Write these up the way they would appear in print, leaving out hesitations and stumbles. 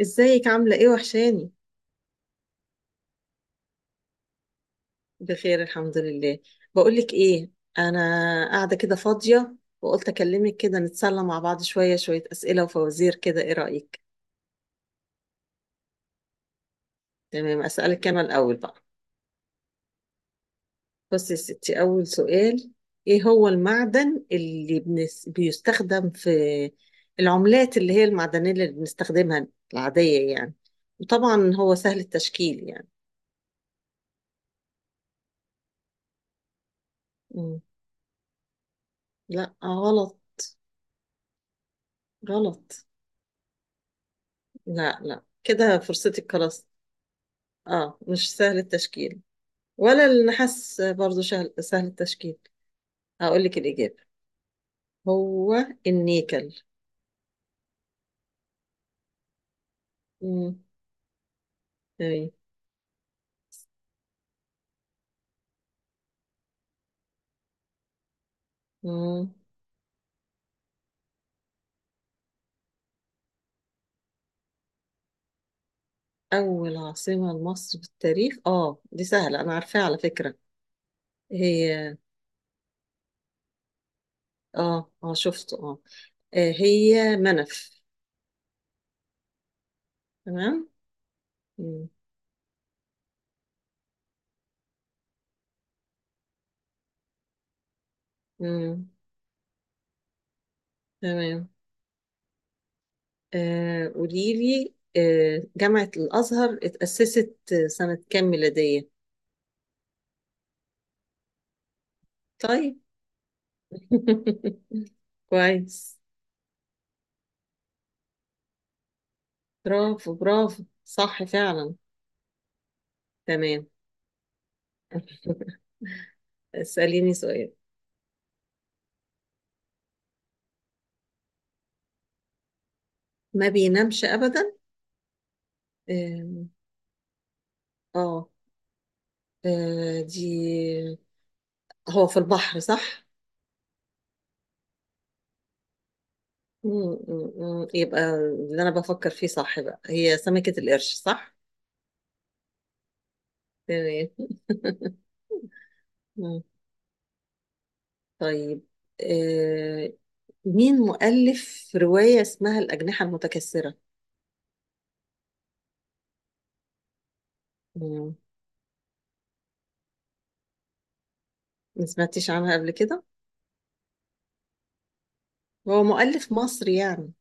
ازيك عاملة ايه؟ وحشاني. بخير الحمد لله. بقولك ايه، انا قاعدة كده فاضية وقلت اكلمك كده نتسلى مع بعض، شوية شوية اسئلة وفوازير كده، ايه رأيك؟ تمام، اسألك انا الاول بقى. بصي يا ستي، اول سؤال: ايه هو المعدن اللي بيستخدم في العملات، اللي هي المعدنية اللي بنستخدمها العادية يعني، وطبعا هو سهل التشكيل يعني. مم. لا غلط. غلط. لا لا كده فرصتك خلاص. اه مش سهل التشكيل، ولا النحاس برضو سهل التشكيل. هقول لك الإجابة: هو النيكل. مم. تمام. مم. أول عاصمة لمصر في التاريخ، اه دي سهلة أنا عارفاها على فكرة. هي. اه اه شفته اه. هي منف. تمام. مم. مم. تمام. قولي لي، جامعة الأزهر اتأسست سنة كام ميلادية؟ طيب. كويس. برافو برافو صح فعلا. تمام. اسأليني سؤال. ما بينامش أبدا. آم، اه. دي، هو في البحر صح؟ م- م- م. يبقى اللي أنا بفكر فيه صح، بقى هي سمكة القرش صح؟ تمام. م. طيب. آه، مين مؤلف رواية اسمها الأجنحة المتكسرة؟ م. ما سمعتيش عنها قبل كده؟ هو مؤلف مصري يعني،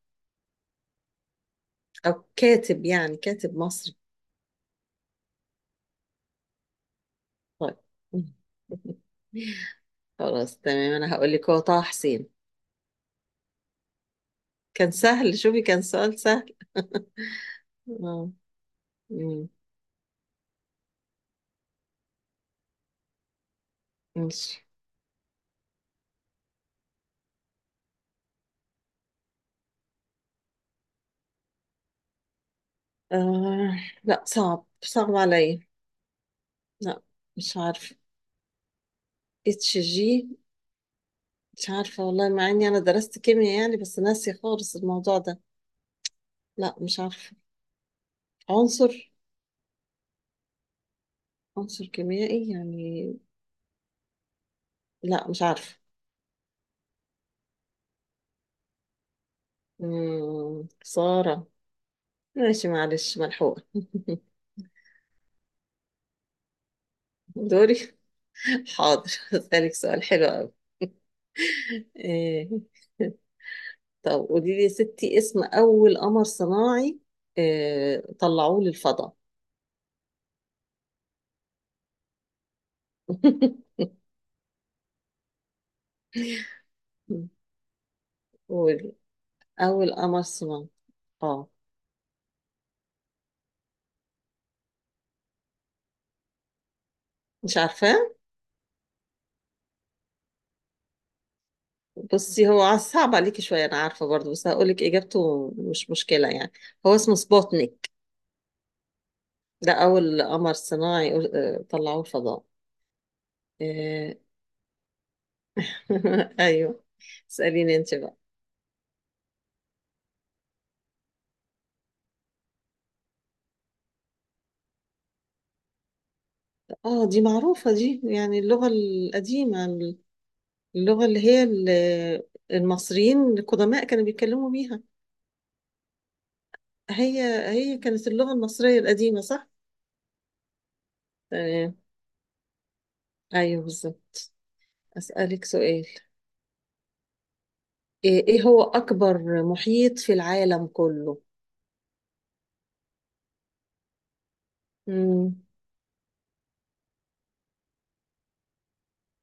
أو كاتب، يعني كاتب مصري. طيب. خلاص تمام، انا هقول لك، هو طه حسين. كان سهل، شوفي كان سؤال سهل. اه. مم. ماشي. آه. لا، صعب صعب عليا. لا مش عارفه. اتش جي؟ مش عارفه والله، مع اني انا درست كيمياء يعني بس ناسي خالص الموضوع ده. لا مش عارفه. عنصر. عنصر كيميائي يعني. لا مش عارفه. مم. سارة. ماشي معلش، ملحوقة. دوري. حاضر، هسألك سؤال حلو قوي. إيه. طب قولي لي يا ستي، اسم أول قمر صناعي إيه طلعوه للفضاء؟ قولي. أول قمر صناعي، اه. مش عارفاه؟ بصي هو صعب عليكي شوية، أنا عارفة برضه بس هقولك إجابته، مش مشكلة يعني. هو اسمه سبوتنيك. ده أول قمر صناعي طلعوه الفضاء. إيه. أيوه. اسأليني أنت بقى. اه دي معروفة دي، يعني اللغة القديمة، اللغة اللي هي المصريين القدماء كانوا بيتكلموا بيها. هي. هي كانت اللغة المصرية القديمة صح؟ تمام. أيوه بالظبط. أسألك سؤال. إيه هو أكبر محيط في العالم كله؟ مم.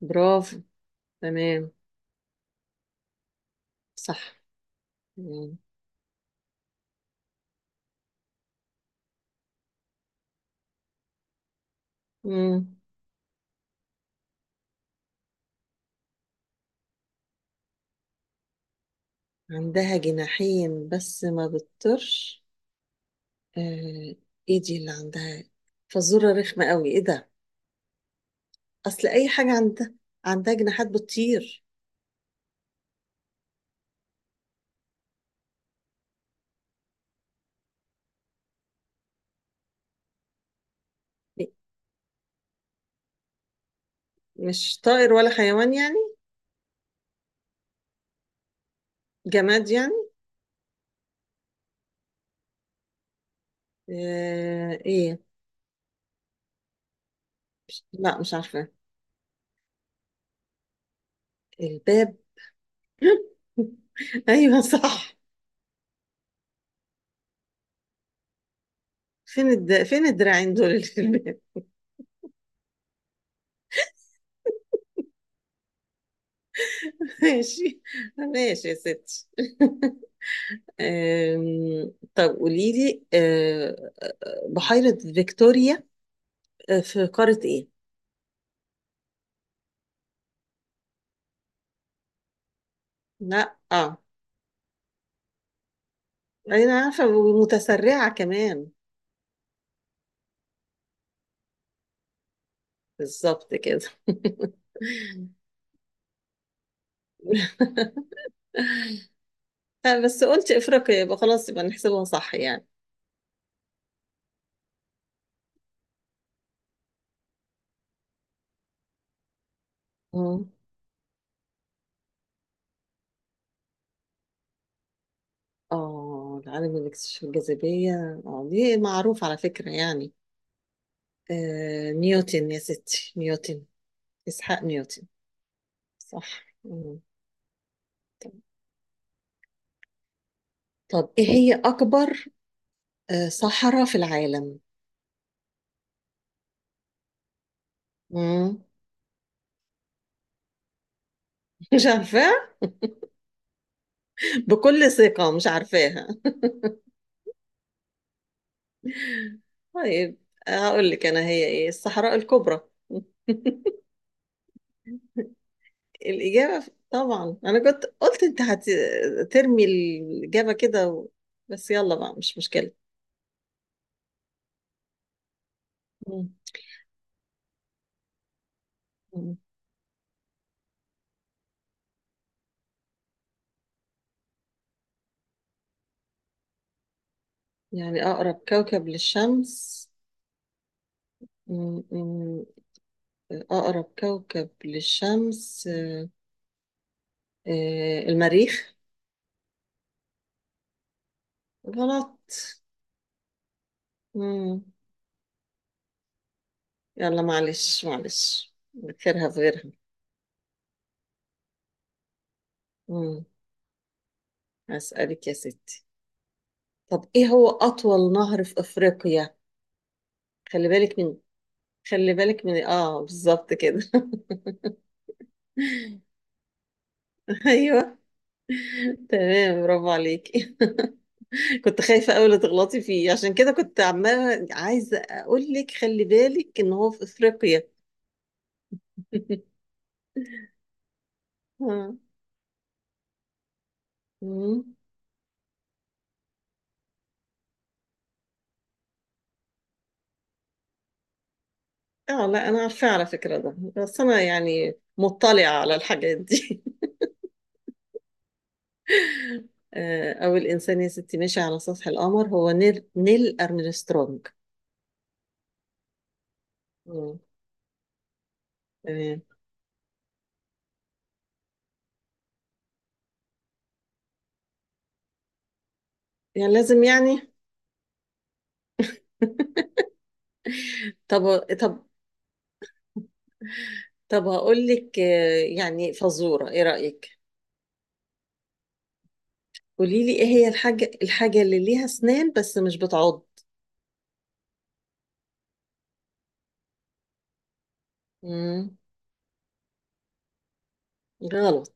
برافو. تمام. صح. تمام. مم. عندها جناحين بس ما بتطرش؟ آه. إيه دي اللي عندها؟ فزورة رخمة قوي إيه ده؟ أصل أي حاجة عندها، عندها جناحات بتطير. مش طائر ولا حيوان يعني؟ جماد يعني؟ آه ايه؟ لا مش عارفة. الباب. ايوه صح. فين الدراعين دول اللي في الباب؟ ماشي. ماشي يا ستي. طب قولي لي، بحيرة فيكتوريا في قارة ايه؟ لا اه. انا عارفة ومتسرعة كمان. بالظبط كده. بس قلت افريقيا يبقى خلاص، يبقى نحسبها صح يعني. مم. اه العالم اللي اكتشف الجاذبية، اه دي معروف على فكرة يعني. آه نيوتن يا ستي، نيوتن. إسحاق نيوتن. صح. مم. طب ايه هي أكبر صحراء في العالم؟ مم. مش عارفاها؟ بكل ثقة مش عارفاها. طيب هقول لك أنا، هي ايه؟ الصحراء الكبرى. الإجابة طبعا أنا كنت قلت أنت هترمي الإجابة كده و... بس يلا بقى مش مشكلة. مم. يعني أقرب كوكب للشمس. م- م- أقرب كوكب للشمس، المريخ. غلط. مم. يلا معلش معلش نذكرها في غيرها. مم. هسألك يا ستي، طب إيه هو أطول نهر في أفريقيا؟ خلي بالك من. خلي بالك من، بالظبط كده. أيوه. تمام برافو عليكي. كنت خايفة أوي لا تغلطي فيه، عشان كده كنت عمالة عايزة أقول لك خلي بالك إن هو في أفريقيا. آه. مم. لا أنا عارفة على فكرة ده، بس أنا يعني مطلعة على الحاجات دي. آه، أول إنسان يا ستي ماشي على سطح القمر هو نيل أرمسترونج. مم. تمام. يعني لازم يعني؟ طب طب. طب هقول لك، يعني فزورة، إيه رأيك؟ قولي لي، إيه هي الحاجة اللي ليها أسنان بس مش بتعض؟ مم. غلط.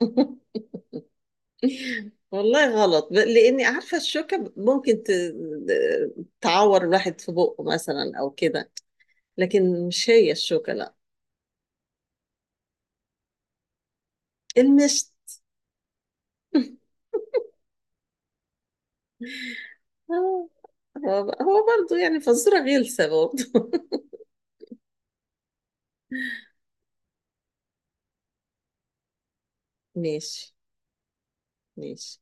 والله غلط، لاني عارفه الشوكه ممكن تعور الواحد في بقه مثلا او كده، لكن مش هي الشوكه لا. المشت. هو هو برضه يعني فزوره غلسه برضه. ماشي. ماشي.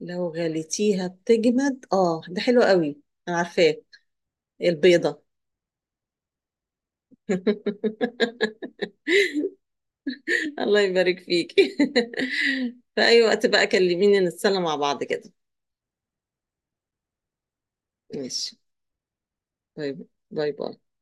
لو غليتيها بتجمد، اه ده حلو قوي. انا عارفاه. البيضه. الله يبارك فيك. في اي وقت بقى كلميني نتسلى مع بعض كده. ماشي. طيب، باي باي.